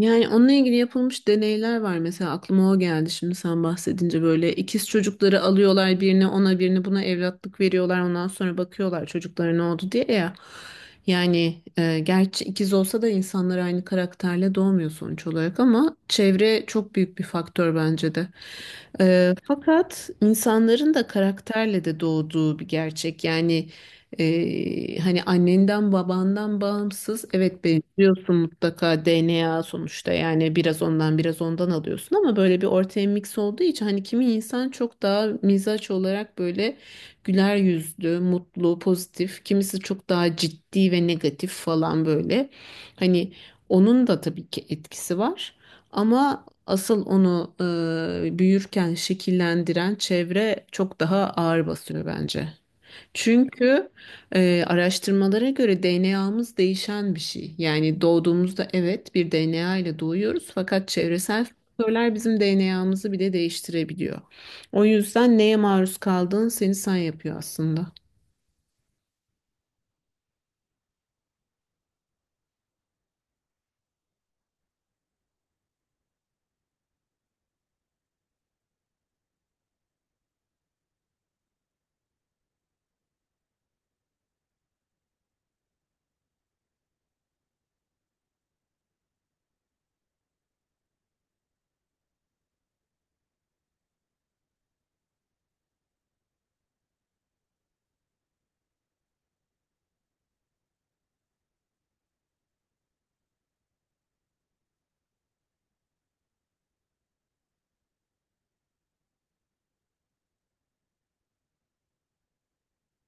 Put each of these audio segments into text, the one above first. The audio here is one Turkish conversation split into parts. Yani onunla ilgili yapılmış deneyler var. Mesela aklıma o geldi şimdi sen bahsedince böyle ikiz çocukları alıyorlar birini ona birini buna evlatlık veriyorlar. Ondan sonra bakıyorlar çocuklara ne oldu diye ya. Yani gerçi ikiz olsa da insanlar aynı karakterle doğmuyor sonuç olarak ama çevre çok büyük bir faktör bence de. Fakat insanların da karakterle de doğduğu bir gerçek. Yani hani annenden babandan bağımsız evet benziyorsun mutlaka DNA sonuçta yani biraz ondan biraz ondan alıyorsun ama böyle bir ortaya mix olduğu için hani kimi insan çok daha mizaç olarak böyle güler yüzlü, mutlu, pozitif, kimisi çok daha ciddi ve negatif falan böyle. Hani onun da tabii ki etkisi var ama asıl onu büyürken şekillendiren çevre çok daha ağır basıyor bence. Çünkü araştırmalara göre DNA'mız değişen bir şey. Yani doğduğumuzda evet bir DNA ile doğuyoruz fakat çevresel faktörler bizim DNA'mızı bile değiştirebiliyor. O yüzden neye maruz kaldığın seni sen yapıyor aslında.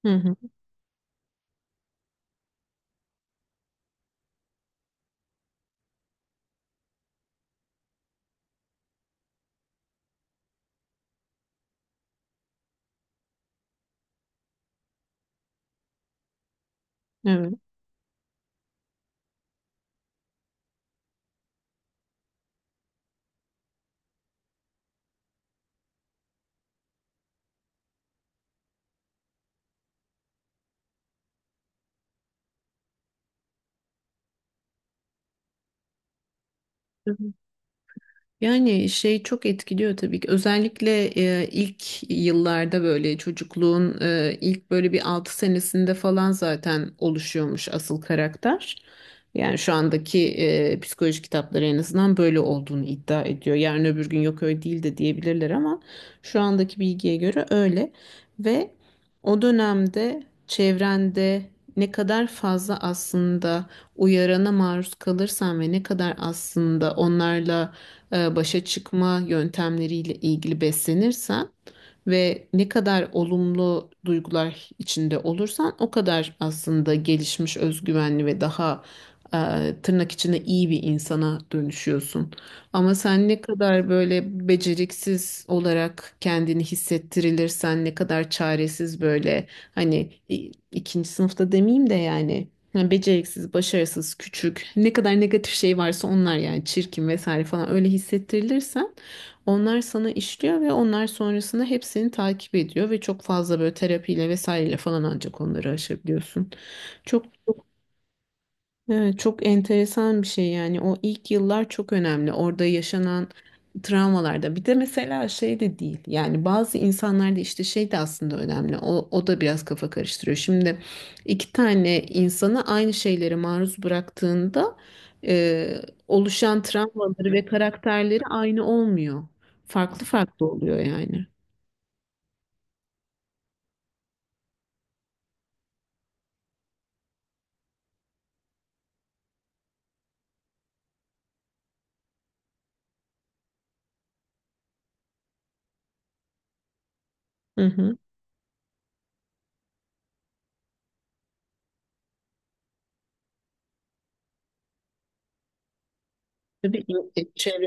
Hı hı. Evet. Yani şey çok etkiliyor tabii ki. Özellikle ilk yıllarda böyle çocukluğun ilk böyle bir 6 senesinde falan zaten oluşuyormuş asıl karakter. Yani şu andaki psikoloji kitapları en azından böyle olduğunu iddia ediyor. Yarın öbür gün yok öyle değil de diyebilirler ama şu andaki bilgiye göre öyle. Ve o dönemde çevrende ne kadar fazla aslında uyarana maruz kalırsan ve ne kadar aslında onlarla başa çıkma yöntemleriyle ilgili beslenirsen ve ne kadar olumlu duygular içinde olursan o kadar aslında gelişmiş, özgüvenli ve daha tırnak içinde iyi bir insana dönüşüyorsun. Ama sen ne kadar böyle beceriksiz olarak kendini hissettirilirsen, ne kadar çaresiz böyle, hani ikinci sınıfta demeyeyim de yani beceriksiz, başarısız, küçük, ne kadar negatif şey varsa onlar, yani çirkin vesaire falan öyle hissettirilirsen onlar sana işliyor ve onlar sonrasında hepsini takip ediyor ve çok fazla böyle terapiyle vesaireyle falan ancak onları aşabiliyorsun. Çok Evet, çok enteresan bir şey yani, o ilk yıllar çok önemli, orada yaşanan travmalarda bir de mesela şey de değil yani, bazı insanlarda işte şey de aslında önemli, o, o da biraz kafa karıştırıyor şimdi. İki tane insanı aynı şeylere maruz bıraktığında e, oluşan travmaları ve karakterleri aynı olmuyor, farklı farklı oluyor yani. Hı hı. Tabii ki çevre.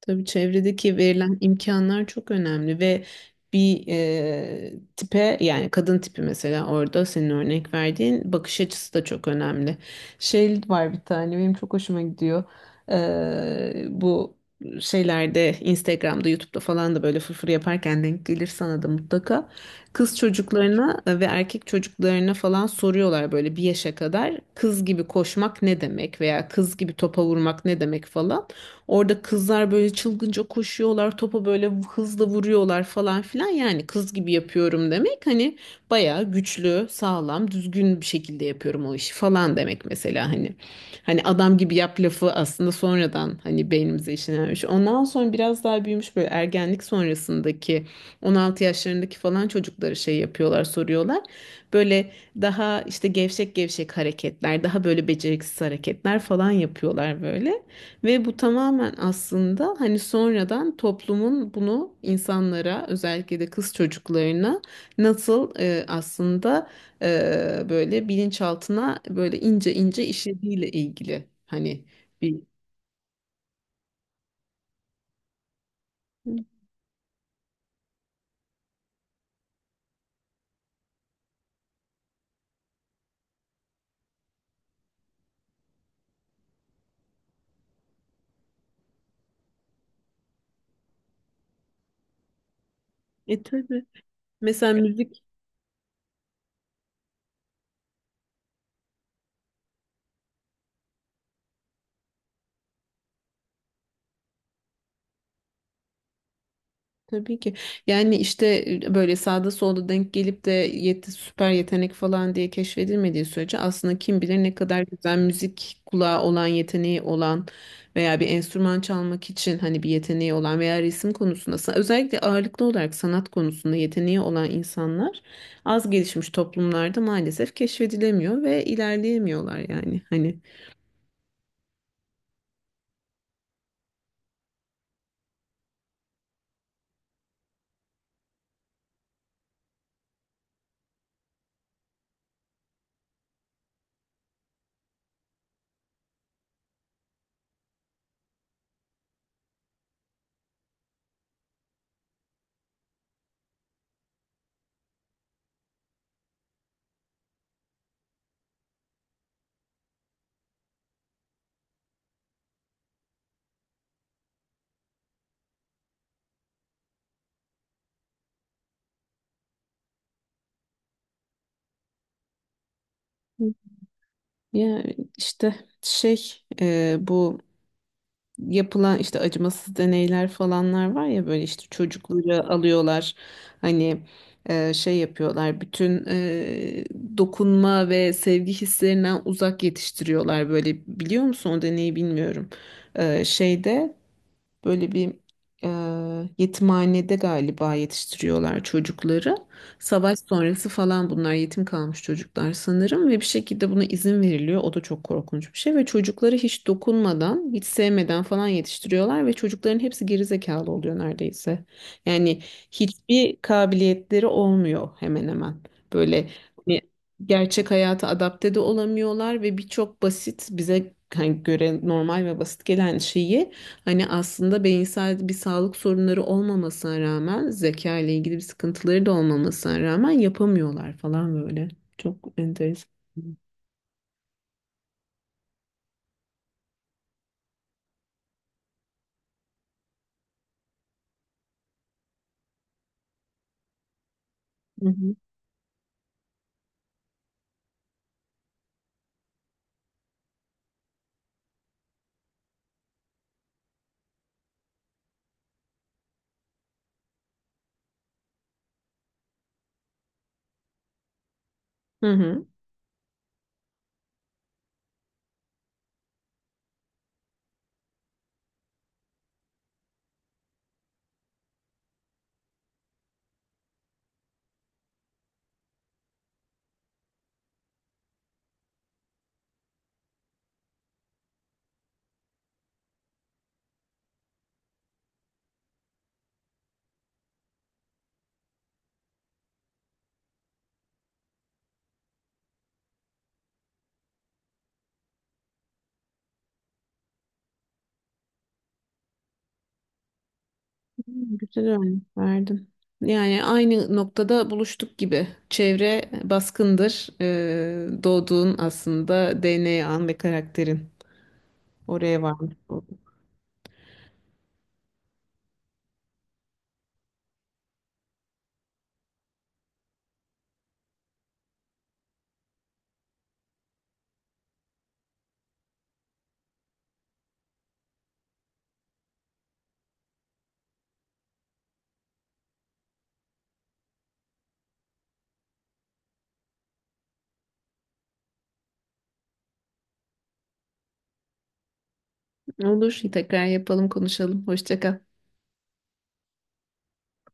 Tabii çevredeki verilen imkanlar çok önemli ve bir tipe, yani kadın tipi mesela, orada senin örnek verdiğin bakış açısı da çok önemli. Şey var bir tane benim çok hoşuma gidiyor. Bu şeylerde Instagram'da YouTube'da falan da böyle fırfır yaparken denk gelir sana da mutlaka. Kız çocuklarına ve erkek çocuklarına falan soruyorlar, böyle bir yaşa kadar kız gibi koşmak ne demek veya kız gibi topa vurmak ne demek falan. Orada kızlar böyle çılgınca koşuyorlar, topa böyle hızla vuruyorlar falan filan. Yani kız gibi yapıyorum demek, hani bayağı güçlü, sağlam, düzgün bir şekilde yapıyorum o işi falan demek mesela, hani. Hani adam gibi yap lafı aslında sonradan hani beynimize işlenmiş. Ondan sonra biraz daha büyümüş, böyle ergenlik sonrasındaki 16 yaşlarındaki falan çocukları şey yapıyorlar, soruyorlar. Böyle daha işte gevşek gevşek hareketler, daha böyle beceriksiz hareketler falan yapıyorlar böyle. Ve bu tamamen aslında hani sonradan toplumun bunu insanlara, özellikle de kız çocuklarına nasıl aslında böyle bilinçaltına böyle ince ince işlediğiyle ilgili, hani bir. Tabii. Mesela müzik. Tabii ki. Yani işte böyle sağda solda denk gelip de süper yetenek falan diye keşfedilmediği sürece aslında kim bilir ne kadar güzel müzik kulağı olan, yeteneği olan veya bir enstrüman çalmak için hani bir yeteneği olan veya resim konusunda özellikle ağırlıklı olarak sanat konusunda yeteneği olan insanlar az gelişmiş toplumlarda maalesef keşfedilemiyor ve ilerleyemiyorlar yani. Hani ya, işte şey, bu yapılan işte acımasız deneyler falanlar var ya, böyle işte çocukları alıyorlar, hani şey yapıyorlar, bütün dokunma ve sevgi hislerinden uzak yetiştiriyorlar böyle. Biliyor musun o deneyi, bilmiyorum. Şeyde, böyle bir yetimhanede galiba yetiştiriyorlar çocukları. Savaş sonrası falan bunlar yetim kalmış çocuklar sanırım ve bir şekilde buna izin veriliyor. O da çok korkunç bir şey ve çocukları hiç dokunmadan, hiç sevmeden falan yetiştiriyorlar ve çocukların hepsi gerizekalı oluyor neredeyse. Yani hiçbir kabiliyetleri olmuyor hemen hemen. Böyle, hani gerçek hayata adapte de olamıyorlar ve birçok basit, bize hani göre normal ve basit gelen şeyi, hani aslında beyinsel bir sağlık sorunları olmamasına rağmen, zeka ile ilgili bir sıkıntıları da olmamasına rağmen yapamıyorlar falan böyle. Çok enteresan. Hı hı. Hı hı. Güzel örnek verdin. Yani aynı noktada buluştuk gibi. Çevre baskındır. Doğduğun aslında DNA'n ve karakterin. Oraya varmış olduk. Olur. Tekrar yapalım, konuşalım. Hoşça kal.